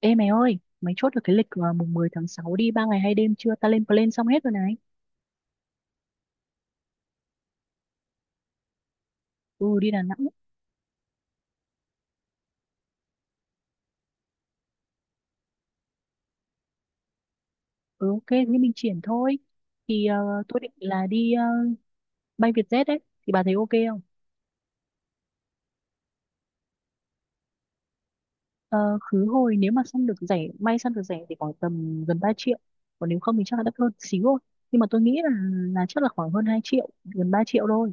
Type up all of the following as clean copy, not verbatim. Ê mày ơi, mày chốt được cái lịch mùng 10 tháng 6 đi 3 ngày 2 đêm chưa? Ta lên plan xong hết rồi này. Ừ, đi Đà Nẵng. Ừ, ok, thế mình triển thôi. Thì tôi định là đi bay Vietjet đấy. Thì bà thấy ok không? Ờ, khứ hồi nếu mà săn được rẻ, may săn được rẻ thì khoảng tầm gần 3 triệu. Còn nếu không thì chắc là đắt hơn xíu thôi. Nhưng mà tôi nghĩ là chắc là khoảng hơn 2 triệu, gần 3 triệu thôi.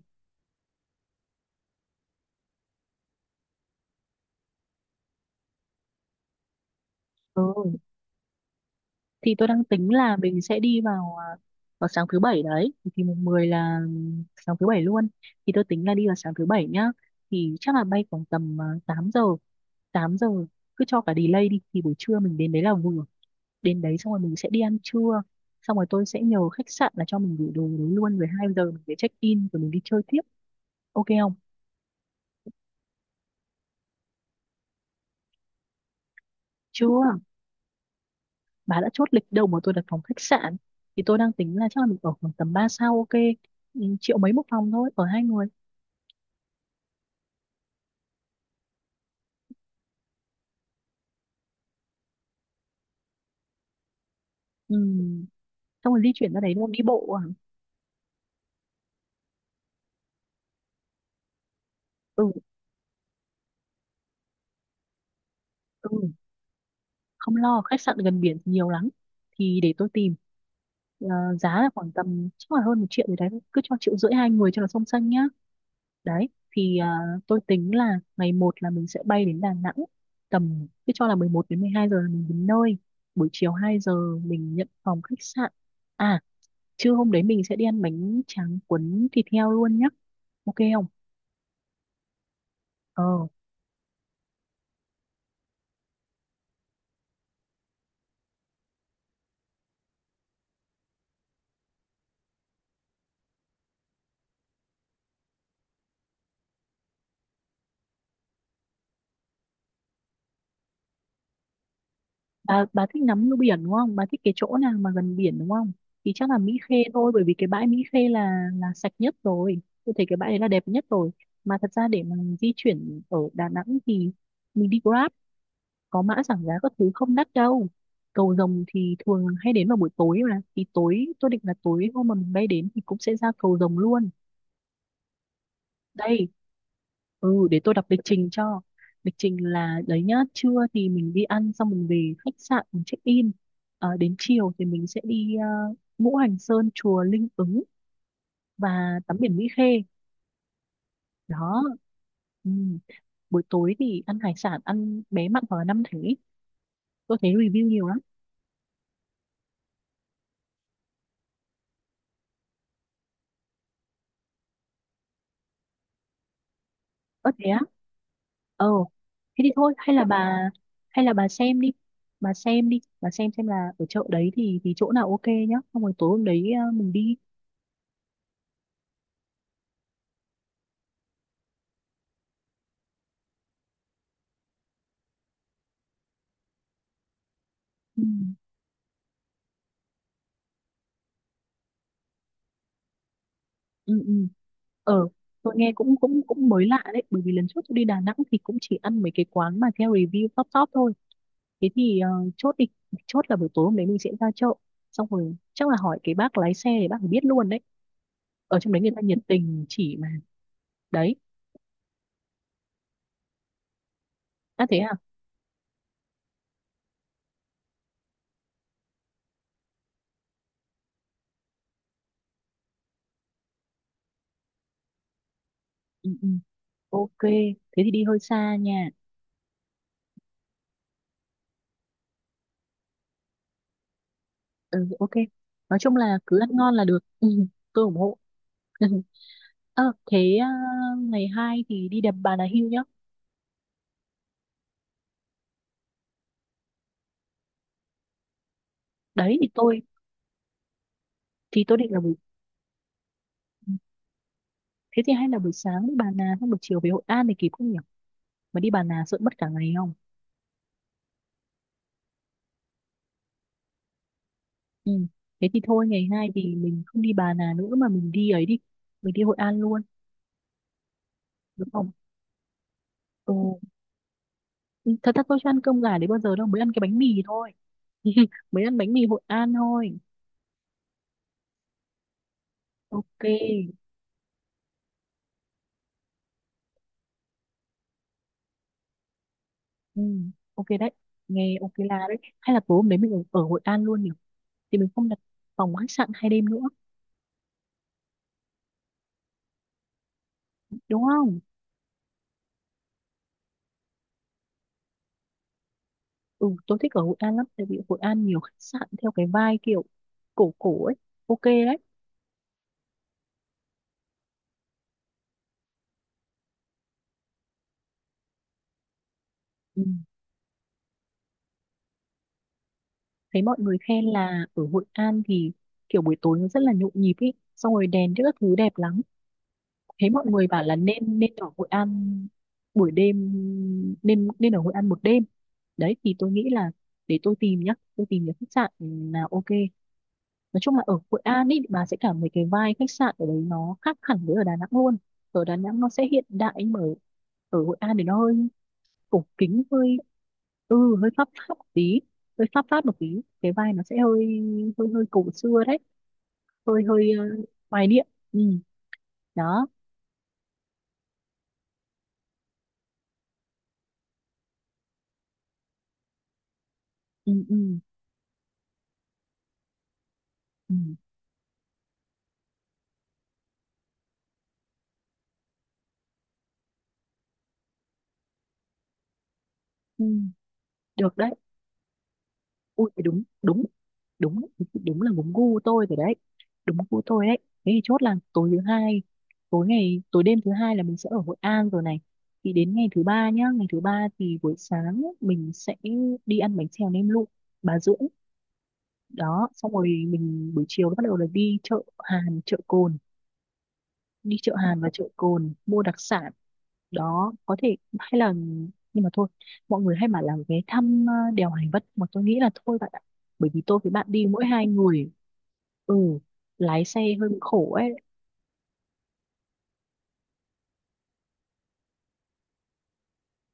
Ừ, thì tôi đang tính là mình sẽ đi vào sáng thứ bảy đấy, thì mùng 10 là sáng thứ bảy luôn, thì tôi tính là đi vào sáng thứ bảy nhá. Thì chắc là bay khoảng tầm 8 giờ, 8 giờ cứ cho cả delay đi thì buổi trưa mình đến đấy là vừa. Đến đấy xong rồi mình sẽ đi ăn trưa, xong rồi tôi sẽ nhờ khách sạn là cho mình gửi đồ đấy luôn, rồi 2 giờ mình sẽ check in rồi mình đi chơi tiếp. Ok không? Chưa, bà đã chốt lịch đâu mà tôi đặt phòng khách sạn. Thì tôi đang tính là chắc là mình ở khoảng tầm ba sao ok. Ừ, triệu mấy một phòng thôi, ở hai người. Ừ, xong rồi di chuyển ra đấy luôn đi bộ à. Ừ, ừ, không lo, khách sạn gần biển thì nhiều lắm, thì để tôi tìm. Ờ, Giá là khoảng tầm chắc là hơn một triệu rồi đấy, cứ cho triệu rưỡi hai người cho là song xanh nhá. Đấy thì tôi tính là ngày một là mình sẽ bay đến Đà Nẵng, tầm cứ cho là 11 đến 12 giờ là mình đến nơi. Buổi chiều 2 giờ mình nhận phòng khách sạn. À, trưa hôm đấy mình sẽ đi ăn bánh tráng cuốn thịt heo luôn nhá. Ok không? Ờ bà bà thích ngắm nước biển đúng không, bà thích cái chỗ nào mà gần biển đúng không? Thì chắc là Mỹ Khê thôi, bởi vì cái bãi Mỹ Khê là sạch nhất rồi, tôi thấy cái bãi đấy là đẹp nhất rồi. Mà thật ra để mà di chuyển ở Đà Nẵng thì mình đi Grab, có mã giảm giá các thứ, không đắt đâu. Cầu Rồng thì thường hay đến vào buổi tối mà, thì tối tôi định là tối hôm mà mình bay đến thì cũng sẽ ra Cầu Rồng luôn. Đây, ừ, để tôi đọc lịch trình cho. Lịch trình là đấy nhá, trưa thì mình đi ăn xong mình về khách sạn mình check in. Đến chiều thì mình sẽ đi Ngũ Hành Sơn, chùa Linh Ứng và tắm biển Mỹ Khê. Đó. Ừ, buổi tối thì ăn hải sản, ăn bé mặn hoặc là năm thánh, tôi thấy review nhiều lắm. Ớt thế á. ờ Thế thì thôi, hay là bà, hay là bà xem đi bà xem đi bà xem là ở chợ đấy thì chỗ nào ok nhá, xong rồi tối hôm đấy mình đi. Ừ. Ừ, ừ. ờ tôi nghe cũng cũng cũng mới lạ đấy, bởi vì lần trước tôi đi Đà Nẵng thì cũng chỉ ăn mấy cái quán mà theo review top top thôi. Thế thì chốt đi, chốt là buổi tối hôm đấy mình sẽ ra chợ, xong rồi chắc là hỏi cái bác lái xe để bác ấy biết luôn đấy, ở trong đấy người ta nhiệt tình chỉ mà. Đấy. À, thế à. Ừ, ừ. Ok, thế thì đi hơi xa nha. Ừ, ok, nói chung là cứ ăn ngon là được. Ừ, tôi ủng hộ. Ờ Thế à, ngày hai thì đi đầm Bà Nà Hills nhá. Đấy thì tôi định là buổi... Thế thì hay là buổi sáng đi Bà Nà xong buổi chiều về Hội An thì kịp không nhỉ? Mà đi Bà Nà sợ mất cả ngày không? Ừ. Thế thì thôi ngày hai thì mình không đi Bà Nà nữa mà mình đi ấy đi. Mình đi Hội An luôn, đúng không? Ừ. Thật ra tôi chưa ăn cơm gà đấy bao giờ đâu, mới ăn cái bánh mì thôi. Mới ăn bánh mì Hội An thôi. Ok. Ừ. Ok đấy. Nghe ok là đấy. Hay là tối hôm đấy mình ở Hội An luôn nhỉ? Thì mình không đặt phòng khách sạn hai đêm nữa, đúng không? Ừ, tôi thích ở Hội An lắm tại vì Hội An nhiều khách sạn theo cái vibe kiểu cổ cổ ấy, ok đấy. Ừ, thấy mọi người khen là ở Hội An thì kiểu buổi tối nó rất là nhộn nhịp ấy, xong rồi đèn các thứ đẹp lắm, thấy mọi người bảo là nên nên ở Hội An buổi đêm, nên nên ở Hội An một đêm. Đấy thì tôi nghĩ là để tôi tìm nhá, tôi tìm những khách sạn nào ok. Nói chung là ở Hội An ý bà sẽ cảm thấy cái vibe khách sạn ở đấy nó khác hẳn với ở Đà Nẵng luôn. Ở Đà Nẵng nó sẽ hiện đại, nhưng mà ở Hội An thì nó hơi cổ kính, hơi... ừ, hơi pháp pháp một tí, cái vibe nó sẽ hơi hơi hơi cổ xưa đấy, hơi hơi hoài niệm. Ừ. Đó. Ừ, ừ, ừ, ừ. Được đấy. Ui thì đúng đúng đúng đúng là đúng gu tôi rồi đấy, đúng gu tôi đấy. Thế thì chốt là tối đêm thứ hai là mình sẽ ở Hội An rồi này. Thì đến ngày thứ ba nhá, ngày thứ ba thì buổi sáng mình sẽ đi ăn bánh xèo nem lụi Bà Dưỡng. Đó, xong rồi mình buổi chiều nó bắt đầu là đi chợ Hàn và chợ Cồn mua đặc sản. Đó, có thể, hay là, nhưng mà thôi, mọi người hay mà làm vé thăm đèo Hải Vân mà tôi nghĩ là thôi bạn ạ, bởi vì tôi với bạn đi mỗi hai người. Ừ, lái xe hơi bị khổ ấy.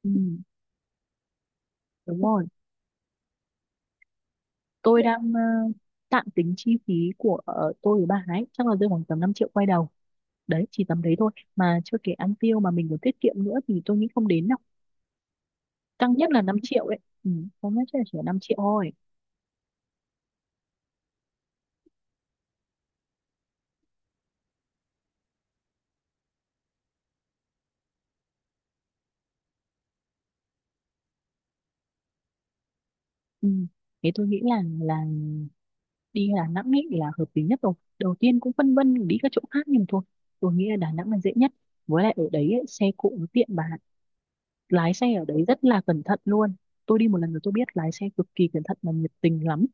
Ừ, đúng rồi. Tôi đang tạm tính chi phí của tôi với bà ấy chắc là rơi khoảng tầm 5 triệu quay đầu. Đấy, chỉ tầm đấy thôi, mà chưa kể ăn tiêu mà mình còn tiết kiệm nữa thì tôi nghĩ không đến đâu. Tăng nhất là 5 triệu ấy, ừ, không nhất chắc là chỉ là 5 triệu thôi. Ừ, thế tôi nghĩ là đi Đà Nẵng ấy là hợp lý nhất rồi. Đầu tiên cũng phân vân đi các chỗ khác, nhưng mà thôi, tôi nghĩ là Đà Nẵng là dễ nhất. Với lại ở đấy ấy, xe cộ nó tiện bà ạ. Lái xe ở đấy rất là cẩn thận luôn. Tôi đi một lần rồi tôi biết, lái xe cực kỳ cẩn thận và nhiệt tình lắm,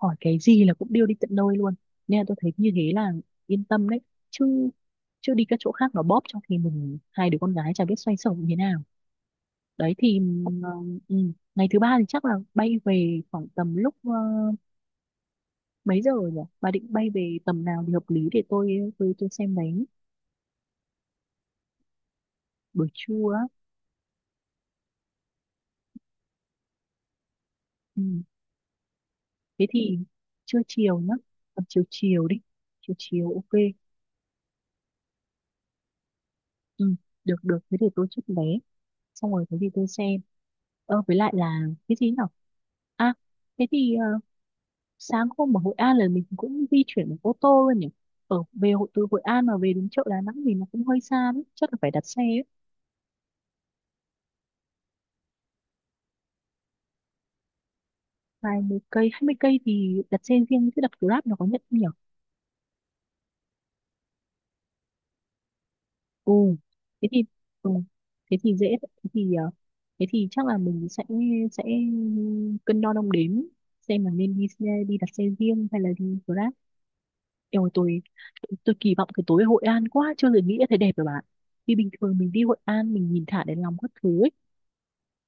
hỏi cái gì là cũng đưa đi tận nơi luôn. Nên là tôi thấy như thế là yên tâm đấy, chứ chứ đi các chỗ khác nó bóp, trong khi mình hai đứa con gái chả biết xoay sở như thế nào. Đấy thì ừ, ừ, ngày thứ ba thì chắc là bay về khoảng tầm lúc mấy giờ nhỉ, bà định bay về tầm nào thì hợp lý để tôi xem đấy. Buổi trưa á. Ừ, thế thì trưa chiều nhá, tầm chiều chiều đi, chiều chiều ok. Ừ, được được, thế thì tôi chốt vé, xong rồi có gì tôi xem, với lại là cái gì nào? À, thế thì sáng hôm ở Hội An là mình cũng di chuyển bằng ô tô luôn nhỉ. Từ Hội An mà về đến chợ Đà Nẵng thì nó cũng hơi xa đấy, chắc là phải đặt xe ấy. Vài mươi cây 20 cây thì đặt xe riêng chứ đặt Grab nó có nhận không nhỉ. Ừ. Thế thì ừ. Thế thì dễ thế thì thế thì chắc là mình sẽ cân đo đong đếm xem là nên đi đặt xe riêng hay là đi Grab. Eo tôi kỳ vọng cái tối Hội An quá, chưa từng nghĩ là thấy đẹp rồi bạn. Vì bình thường mình đi Hội An mình nhìn thả đèn lồng các thứ ấy,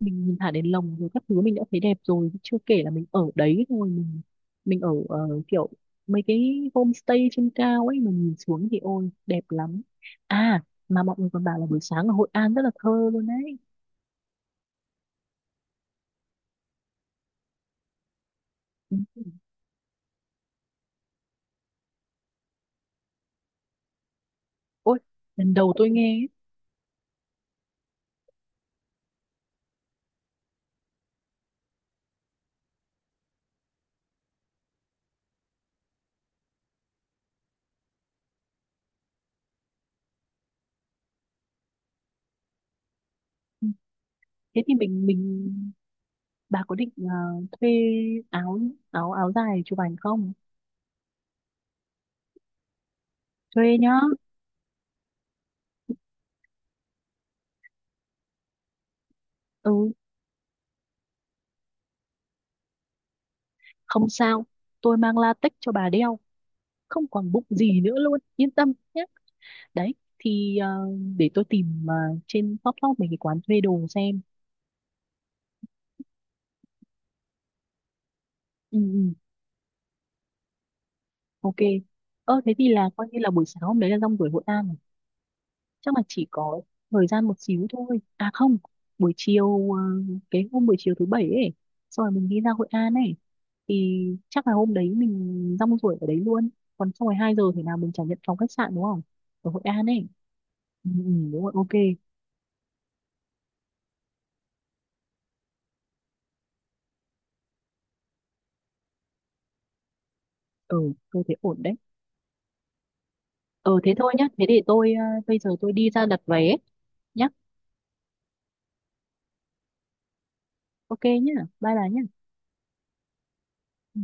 mình nhìn thả đến lồng rồi các thứ mình đã thấy đẹp rồi, chưa kể là mình ở đấy thôi, mình ở kiểu mấy cái homestay trên cao ấy, mình nhìn xuống thì ôi đẹp lắm. À, mà mọi người còn bảo là buổi sáng ở Hội An rất là thơ luôn đấy. Ừ. Ôi lần đầu tôi nghe ấy. Ừ, thế thì mình bà có định thuê áo áo áo dài chụp ảnh không, thuê nhá. Ừ, không sao, tôi mang latex cho bà đeo, không còn bụng gì nữa luôn, yên tâm nhé. Đấy thì để tôi tìm trên top top mấy cái quán thuê đồ xem. Ừ, ừ, ok. Ơ thế thì là coi như là buổi sáng hôm đấy là rong ruổi Hội An rồi, chắc là chỉ có thời gian một xíu thôi. À, không, buổi chiều ờ, cái hôm buổi chiều thứ bảy ấy, xong rồi mình đi ra Hội An ấy, thì chắc là hôm đấy mình rong ruổi ở đấy luôn, còn xong rồi hai giờ thì nào mình nhận phòng khách sạn đúng không, ở Hội An ấy. Ừ, ừ, đúng rồi, ok. Ừ tôi thấy ổn đấy. Ừ, thế thôi nhá, thế để tôi ờ, bây giờ tôi đi ra đặt vé nhá. Ok nhá. Bye bà nhá. Ừ.